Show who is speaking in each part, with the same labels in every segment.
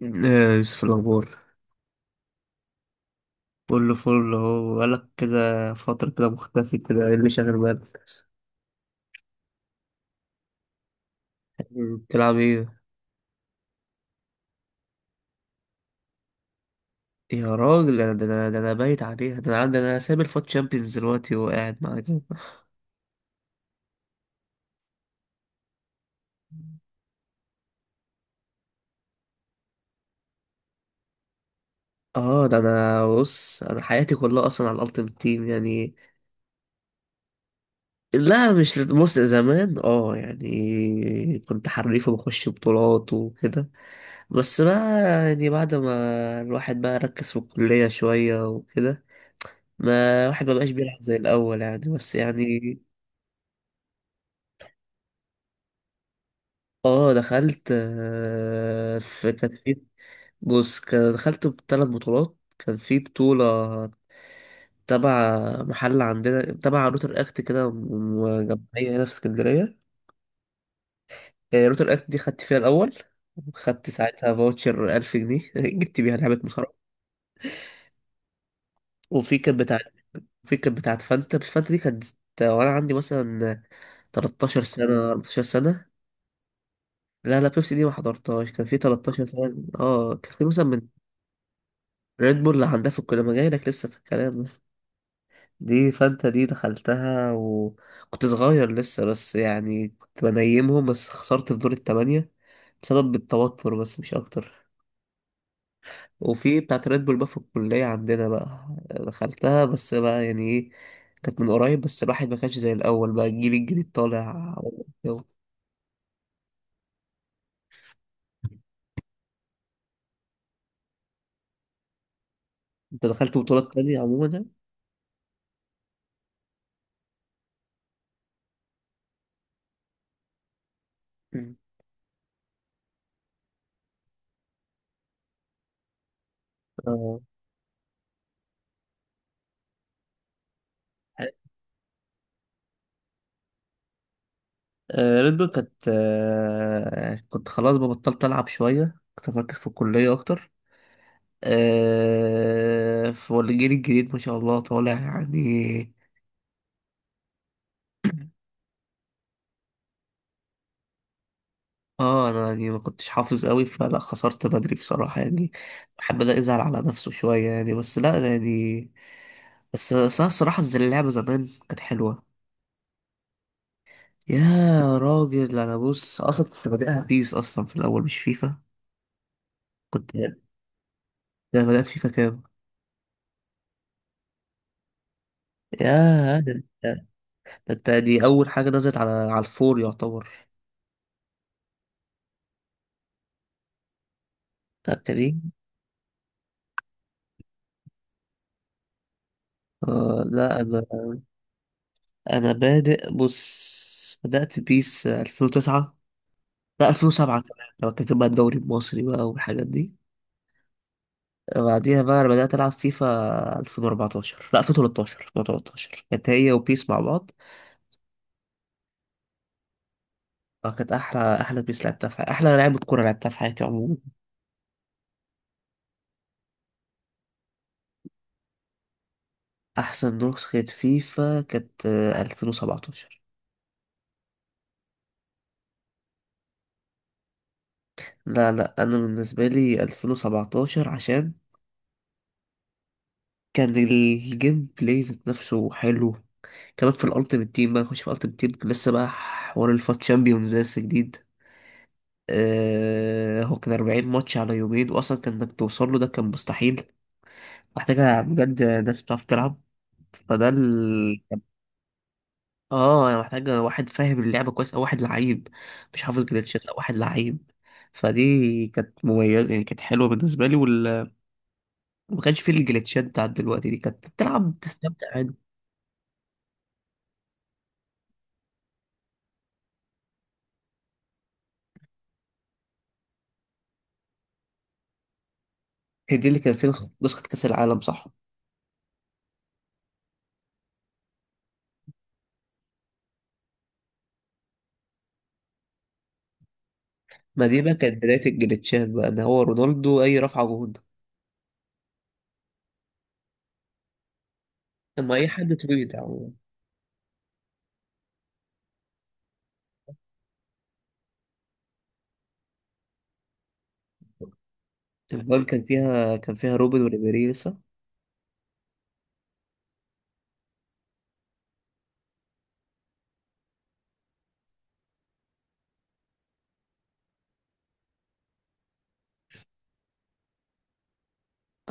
Speaker 1: يا يوسف، الأخبار كله فل أهو. بقالك كده فترة كده مختفي كده، إيه اللي شاغل بالك؟ بتلعب إيه؟ يا راجل، أنا بايت عليها. ده أنا عندي، أنا سايب الفوت شامبيونز دلوقتي وقاعد معاك. آه، ده أنا بص، أنا حياتي كلها أصلا على الألتيمت تيم يعني. لا مش لد- بص، زمان يعني كنت حريف وبخش بطولات وكده. بس بقى يعني، بعد ما الواحد بقى ركز في الكلية شوية وكده، ما واحد ما بقاش بيلعب زي الاول يعني، بس يعني. اه دخلت، في كانت في، دخلت بثلاث بطولات. كان في بطولة تبع محل عندنا تبع روتر اكت كده، جمعية هنا في اسكندرية. روتر اكت دي خدت فيها الأول، خدت ساعتها فاوتشر 1000 جنيه جبت بيها لعبة مصارعة. وفي كانت بتاعة في كانت بتاعة فانتا، فانتا دي كانت، وأنا عندي مثلا 13 سنة 14 سنة. لا لا، بيبسي دي ما حضرتهاش، كان في 13 سنة. اه كان في مثلا من، ريد بول عندها في الكلية، ما جاي لك لسه في الكلام. دي فانتا دي دخلتها وكنت صغير لسه، بس يعني كنت بنيمهم، بس خسرت في دور التمانية بسبب التوتر، بس مش أكتر. وفي بتاعت ريد بول بقى في الكلية عندنا بقى، دخلتها بس بقى يعني ايه، كانت من قريب، بس الواحد ما كانش زي الأول بقى، الجيل الجديد طالع. أنت دخلت بطولات تانية عموما يعني؟ مم. اه، ريد بول كانت، كنت خلاص بقى، بطلت ألعب شوية، كنت مركز في الكلية أكتر. والجيل الجديد ما شاء الله طالع يعني. اه، انا يعني ما كنتش حافظ قوي، فلا، خسرت بدري بصراحة يعني. بحب ده يزعل على نفسه شوية يعني، بس لا يعني. بس بس أنا الصراحة، زي اللعبة زمان كانت حلوة. يا راجل، انا بص اصلا كنت بادئها بيس اصلا في الاول مش فيفا. كنت انا، بدأت فيفا كام؟ يا، ده انت دي اول حاجه نزلت على على الفور يعتبر. لا تري. آه لا انا بادئ، بص، بدات بيس 2009، لا 2007 كمان، لو كان بقى الدوري المصري بقى والحاجات دي. بعديها بقى انا بدات العب فيفا 2014، لا 2013، 2013 كانت هي وبيس مع بعض. كانت احلى احلى بيس لعبتها في حياتي، احلى لعبه كوره لعبتها في حياتي عموما. احسن نسخه فيفا كانت، 2017. لا لا، انا بالنسبه لي 2017، عشان كان الجيم بلاي ذات نفسه حلو. كمان في الالتيمت تيم بقى، نخش في الالتيمت تيم، لسه بقى حوار الفات تشامبيونز لسه جديد. هو كان 40 ماتش على يومين، واصلا كان انك توصل له ده كان مستحيل. محتاجة بجد ناس بتعرف تلعب، فده ال... اه، انا محتاجة واحد فاهم اللعبة كويس، او واحد لعيب مش حافظ جلitches، او واحد لعيب. فدي كانت مميزة يعني، كانت حلوة بالنسبة لي وال... وما كانش فيه الجلitchات بتاعت دلوقتي، دي كانت بتلعب تستمتع. هي دي اللي كان فيها نسخة نسخة كأس العالم صح؟ ما دي بقى كانت بداية الجليتشات بقى، ده هو رونالدو أي رفعة جهود. أما أي حد طويل ده عموما. البال كان فيها، كان فيها روبن وريبيري لسه.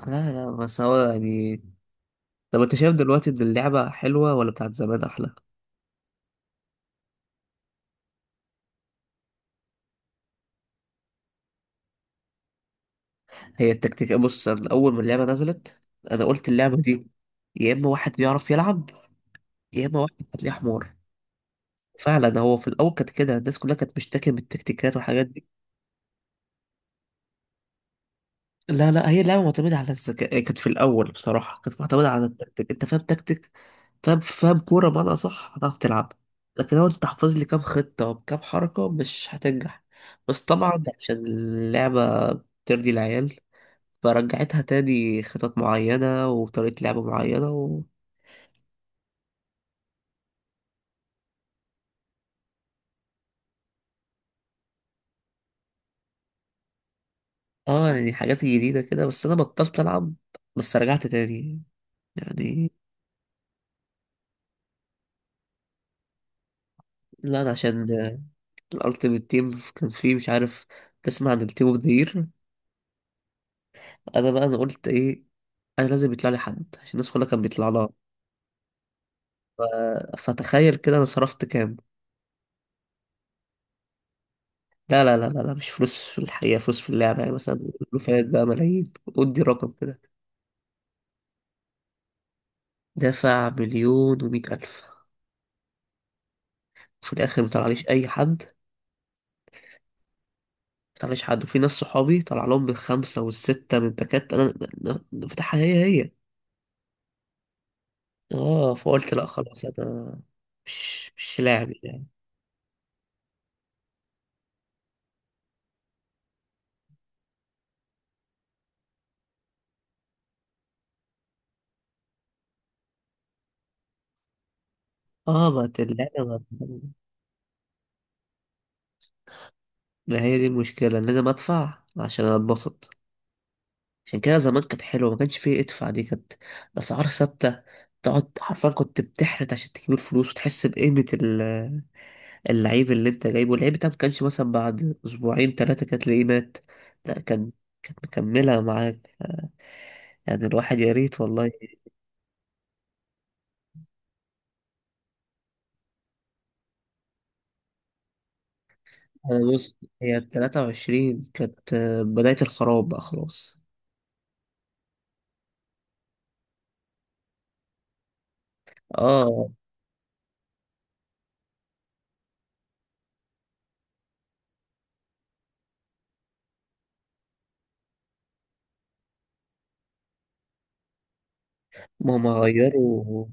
Speaker 1: لا لا، بس هو يعني. طب أنت شايف دلوقتي إن اللعبة حلوة ولا بتاعت زمان أحلى؟ هي التكتيك، بص أنا أول ما اللعبة نزلت، أنا قلت اللعبة دي، يا إما واحد بيعرف يلعب، يا إما واحد هتلاقيه حمار. فعلا هو في الأول كانت كده، الناس كلها كانت بتشتكي من التكتيكات والحاجات دي. لا لا، هي لعبة معتمدة على الذكاء، كانت في الأول بصراحة كانت معتمدة على التكتيك، أنت فاهم تكتيك، فاهم فاهم كورة بمعنى صح، هتعرف تلعب. لكن لو أنت حافظ لي كام خطة وكام حركة، مش هتنجح. بس طبعا عشان اللعبة بترضي العيال، فرجعتها تاني خطط معينة وطريقة لعب معينة و... اه يعني حاجات جديدة كده، بس أنا بطلت ألعب، بس رجعت تاني يعني. لا أنا عشان الألتيميت تيم كان فيه مش عارف، تسمع عن التيم اوف ذا يير؟ انا بقى انا قلت ايه، انا لازم يطلع لي حد عشان الناس كلها كانت بيطلع لها. فتخيل كده انا صرفت كام. لا لا لا لا لا، مش فلوس في الحقيقة، فلوس في اللعبة يعني مثلا. فات بقى ملايين، ادي رقم كده. دافع مليون ومية ألف، في الآخر مطلعليش أي حد. مطلعليش حد، وفي ناس صحابي طلع لهم بالخمسة والستة من باكات. أنا أنا فاتحها هي هي. اه، فقلت لا خلاص أنا مش لاعب يعني. اه ما اللعبة ما. ما هي دي المشكلة، أنا لازم أدفع عشان أتبسط. عشان كده زمان كانت حلوة، ما كانش فيه ادفع، دي كانت أسعار ثابتة، تقعد حرفيا كنت بتحرت عشان تجيب الفلوس وتحس بقيمة ال- اللعيب اللي انت جايبه، اللعيب ده ما كانش مثلا بعد أسبوعين تلاتة كانت تلاقيه مات، لا كان، كانت مكملة معاك. يعني الواحد يا ريت والله. أنا بص هي التلاتة وعشرين كانت، بداية الخراب بقى خلاص. اه، ما هم غيروا،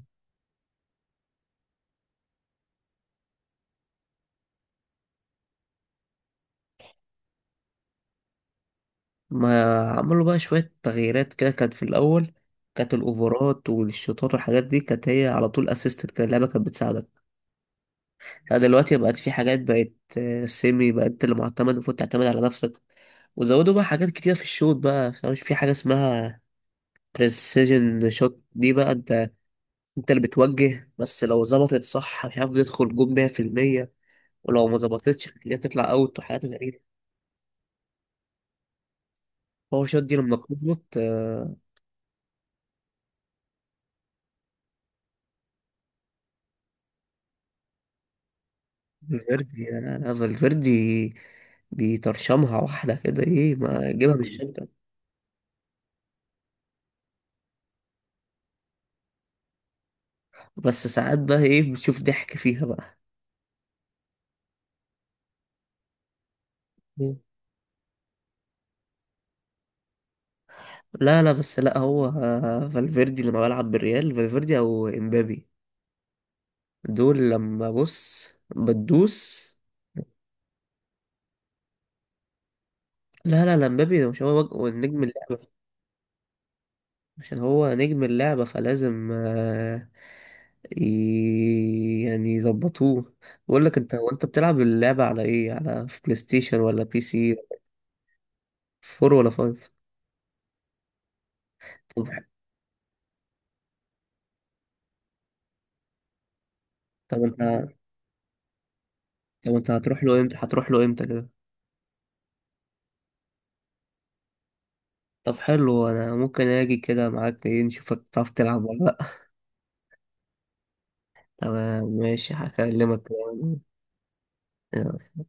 Speaker 1: ما عملوا بقى شوية تغييرات كده. كانت في الأول، كانت الأوفرات والشوطات والحاجات دي كانت هي على طول أسيستد كده، اللعبة كانت بتساعدك. لا دلوقتي بقت في حاجات بقت، سيمي بقى، أنت اللي معتمد، المفروض تعتمد على نفسك. وزودوا بقى حاجات كتير في الشوط بقى، مش في حاجة اسمها بريسيجن شوت دي بقى، أنت اللي بتوجه، بس لو ظبطت صح مش عارف بتدخل جون 100%، ولو ما ظبطتش هتلاقيها تطلع أوت وحاجات غريبة. هو الشوت دي لما بتظبط، فالفيردي، لا لا، فالفيردي بيطرشمها واحدة كده، ايه، ما يجيبها من الشنطة. بس ساعات بقى ايه، بتشوف ضحك فيها بقى. مم. لا لا، بس لا هو، فالفيردي لما بلعب بالريال، فالفيردي او امبابي دول لما بص، بتدوس. لا لا لا، امبابي ده مش هو، هو نجم اللعبة، عشان هو نجم اللعبة فلازم، يعني يظبطوه. بقول لك انت، هو انت بتلعب اللعبة على ايه، على، في بلاي ستيشن ولا بي سي؟ فور ولا فايف؟ طب، طب انت انت هتروح له امتى؟ كده. طب حلو، انا ممكن اجي كده معاك ايه، نشوفك تعرف تلعب ولا لا. تمام ماشي، هكلمك كده. يلا.